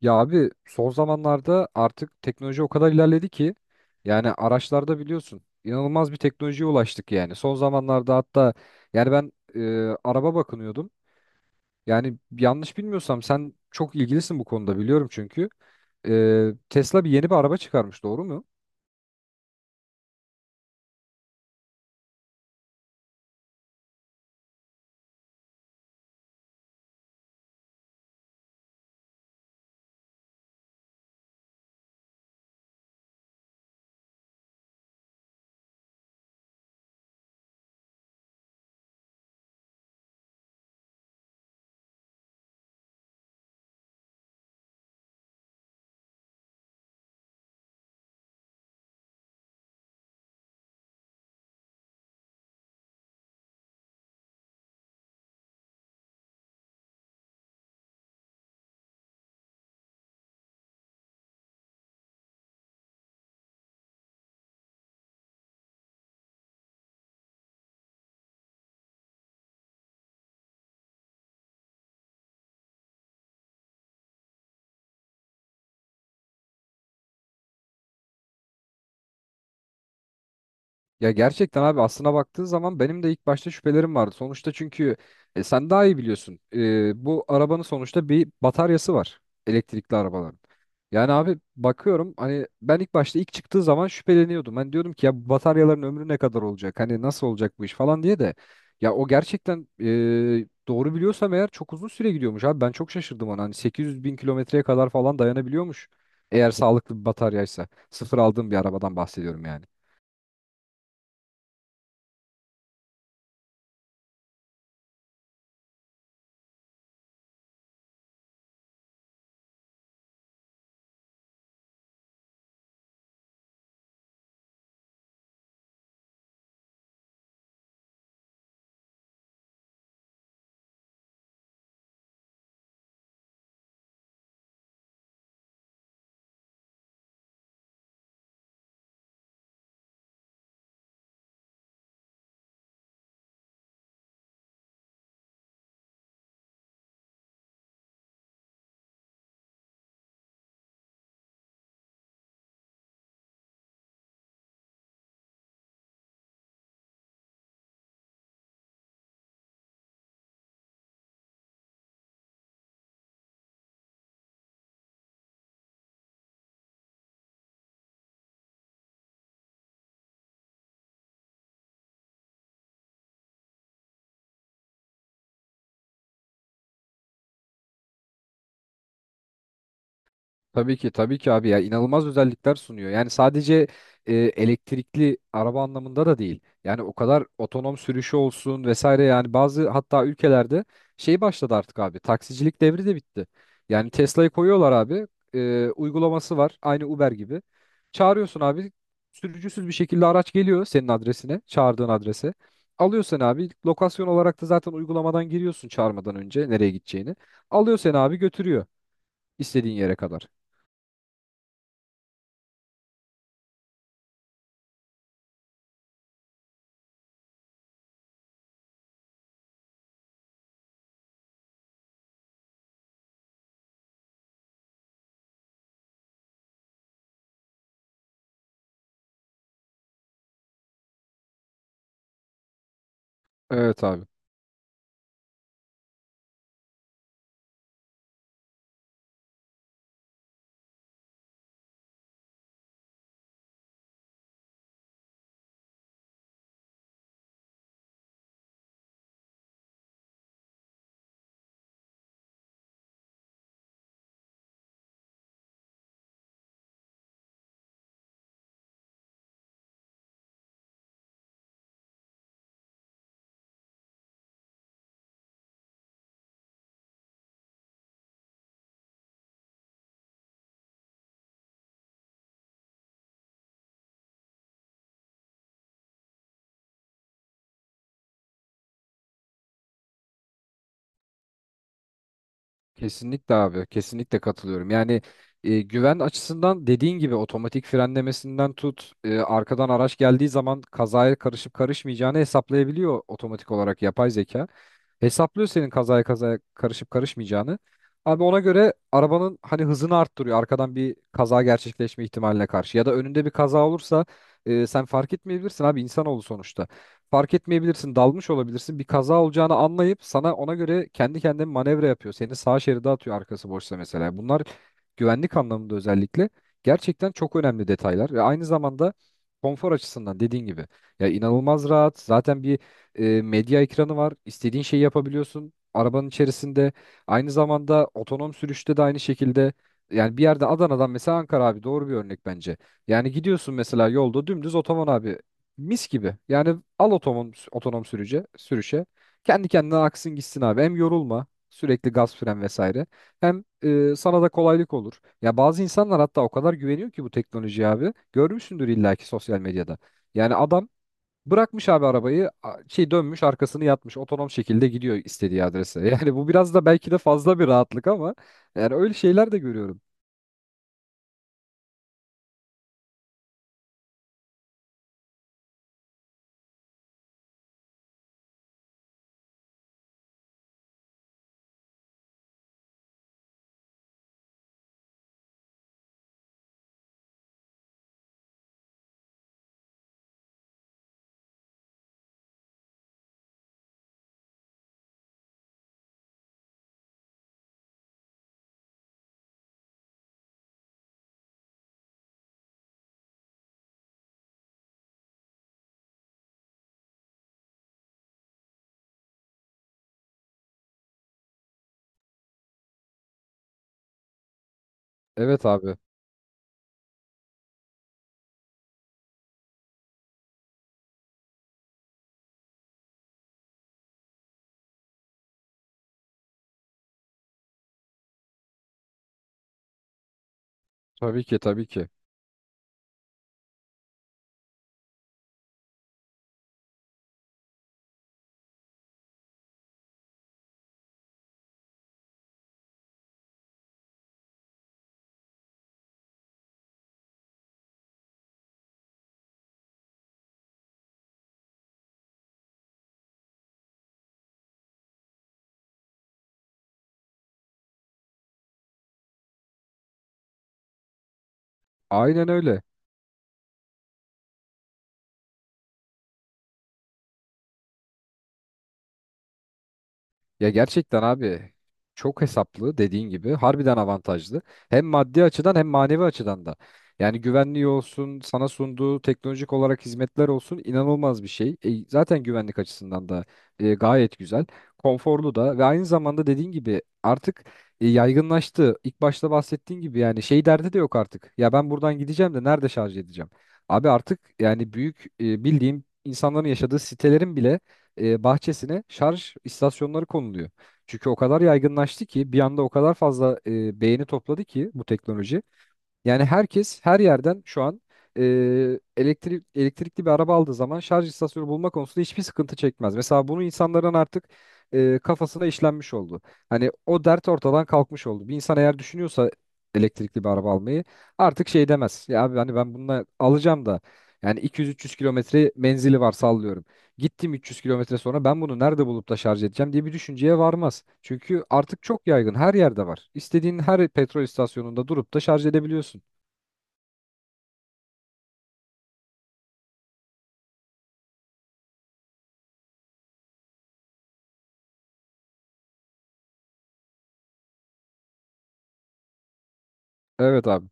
Ya abi son zamanlarda artık teknoloji o kadar ilerledi ki yani araçlarda biliyorsun inanılmaz bir teknolojiye ulaştık yani. Son zamanlarda hatta yani ben araba bakınıyordum. Yani yanlış bilmiyorsam sen çok ilgilisin bu konuda biliyorum çünkü. Tesla bir yeni bir araba çıkarmış, doğru mu? Ya gerçekten abi aslına baktığı zaman benim de ilk başta şüphelerim vardı. Sonuçta çünkü sen daha iyi biliyorsun. Bu arabanın sonuçta bir bataryası var. Elektrikli arabaların. Yani abi bakıyorum, hani ben ilk başta, ilk çıktığı zaman şüpheleniyordum. Ben diyordum ki ya bu bataryaların ömrü ne kadar olacak? Hani nasıl olacak bu iş falan diye de. Ya o gerçekten doğru biliyorsam eğer çok uzun süre gidiyormuş abi. Ben çok şaşırdım ona. Hani 800 bin kilometreye kadar falan dayanabiliyormuş. Eğer sağlıklı bir bataryaysa. Sıfır aldığım bir arabadan bahsediyorum yani. Tabii ki, tabii ki abi, ya inanılmaz özellikler sunuyor. Yani sadece elektrikli araba anlamında da değil. Yani o kadar otonom sürüşü olsun vesaire, yani bazı hatta ülkelerde şey başladı artık abi. Taksicilik devri de bitti. Yani Tesla'yı koyuyorlar abi. Uygulaması var aynı Uber gibi. Çağırıyorsun abi, sürücüsüz bir şekilde araç geliyor senin adresine, çağırdığın adrese. Alıyor seni abi, lokasyon olarak da zaten uygulamadan giriyorsun çağırmadan önce nereye gideceğini. Alıyor seni abi, götürüyor istediğin yere kadar. Evet abi. Kesinlikle abi. Kesinlikle katılıyorum. Yani güven açısından dediğin gibi otomatik frenlemesinden tut, arkadan araç geldiği zaman kazaya karışıp karışmayacağını hesaplayabiliyor otomatik olarak yapay zeka. Hesaplıyor senin kazaya kazaya karışıp karışmayacağını. Abi ona göre arabanın hani hızını arttırıyor arkadan bir kaza gerçekleşme ihtimaline karşı. Ya da önünde bir kaza olursa sen fark etmeyebilirsin abi, insanoğlu sonuçta. Fark etmeyebilirsin, dalmış olabilirsin, bir kaza olacağını anlayıp sana ona göre kendi kendine manevra yapıyor. Seni sağ şeride atıyor arkası boşsa mesela. Bunlar güvenlik anlamında özellikle gerçekten çok önemli detaylar ve aynı zamanda konfor açısından dediğin gibi ya inanılmaz rahat. Zaten bir medya ekranı var. İstediğin şeyi yapabiliyorsun arabanın içerisinde. Aynı zamanda otonom sürüşte de aynı şekilde, yani bir yerde Adana'dan mesela Ankara abi, doğru bir örnek bence. Yani gidiyorsun mesela yolda dümdüz otonom abi, mis gibi. Yani al otonom otonom sürüce sürüşe. Kendi kendine aksın gitsin abi. Hem yorulma sürekli gaz, fren vesaire. Hem sana da kolaylık olur. Ya bazı insanlar hatta o kadar güveniyor ki bu teknolojiye abi. Görmüşsündür illaki sosyal medyada. Yani adam bırakmış abi arabayı, şey, dönmüş arkasını yatmış, otonom şekilde gidiyor istediği adrese. Yani bu biraz da belki de fazla bir rahatlık ama yani öyle şeyler de görüyorum. Evet abi, tabii ki, tabii ki, aynen öyle. Ya gerçekten abi çok hesaplı, dediğin gibi harbiden avantajlı. Hem maddi açıdan hem manevi açıdan da. Yani güvenliği olsun, sana sunduğu teknolojik olarak hizmetler olsun, inanılmaz bir şey. Zaten güvenlik açısından da gayet güzel, konforlu da ve aynı zamanda dediğin gibi artık yaygınlaştı. İlk başta bahsettiğin gibi yani şey derdi de yok artık. Ya ben buradan gideceğim de nerede şarj edeceğim? Abi artık yani büyük bildiğim insanların yaşadığı sitelerin bile bahçesine şarj istasyonları konuluyor. Çünkü o kadar yaygınlaştı ki bir anda, o kadar fazla beğeni topladı ki bu teknoloji. Yani herkes her yerden şu an e, elektrikli bir araba aldığı zaman şarj istasyonu bulma konusunda hiçbir sıkıntı çekmez. Mesela bunu insanların artık kafasına işlenmiş oldu. Hani o dert ortadan kalkmış oldu. Bir insan eğer düşünüyorsa elektrikli bir araba almayı artık şey demez. Ya abi hani ben bununla alacağım da yani 200-300 kilometre menzili var, sallıyorum. Gittim 300 kilometre sonra ben bunu nerede bulup da şarj edeceğim diye bir düşünceye varmaz. Çünkü artık çok yaygın, her yerde var. İstediğin her petrol istasyonunda durup da şarj edebiliyorsun. Evet abi.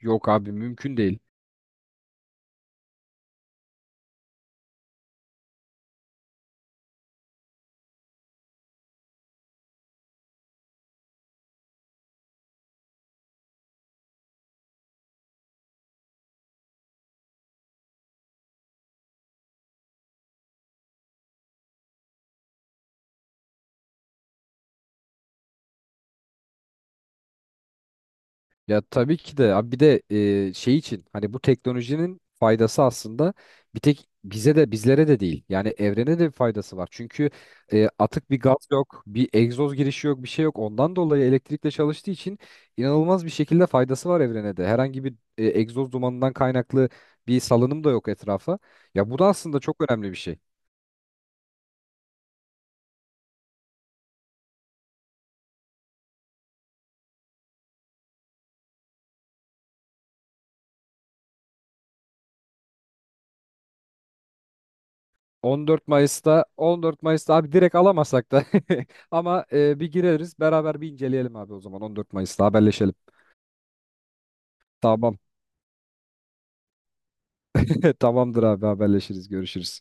Yok abi, mümkün değil. Ya tabii ki de abi, bir de şey için hani bu teknolojinin faydası aslında bir tek bize de, bizlere de değil. Yani evrene de bir faydası var. Çünkü atık bir gaz yok, bir egzoz girişi yok, bir şey yok. Ondan dolayı elektrikle çalıştığı için inanılmaz bir şekilde faydası var evrene de. Herhangi bir egzoz dumanından kaynaklı bir salınım da yok etrafa. Ya bu da aslında çok önemli bir şey. 14 Mayıs'ta, 14 Mayıs'ta abi direkt alamasak da ama bir gireriz beraber, bir inceleyelim abi. O zaman 14 Mayıs'ta haberleşelim. Tamam. Tamamdır abi, haberleşiriz. Görüşürüz.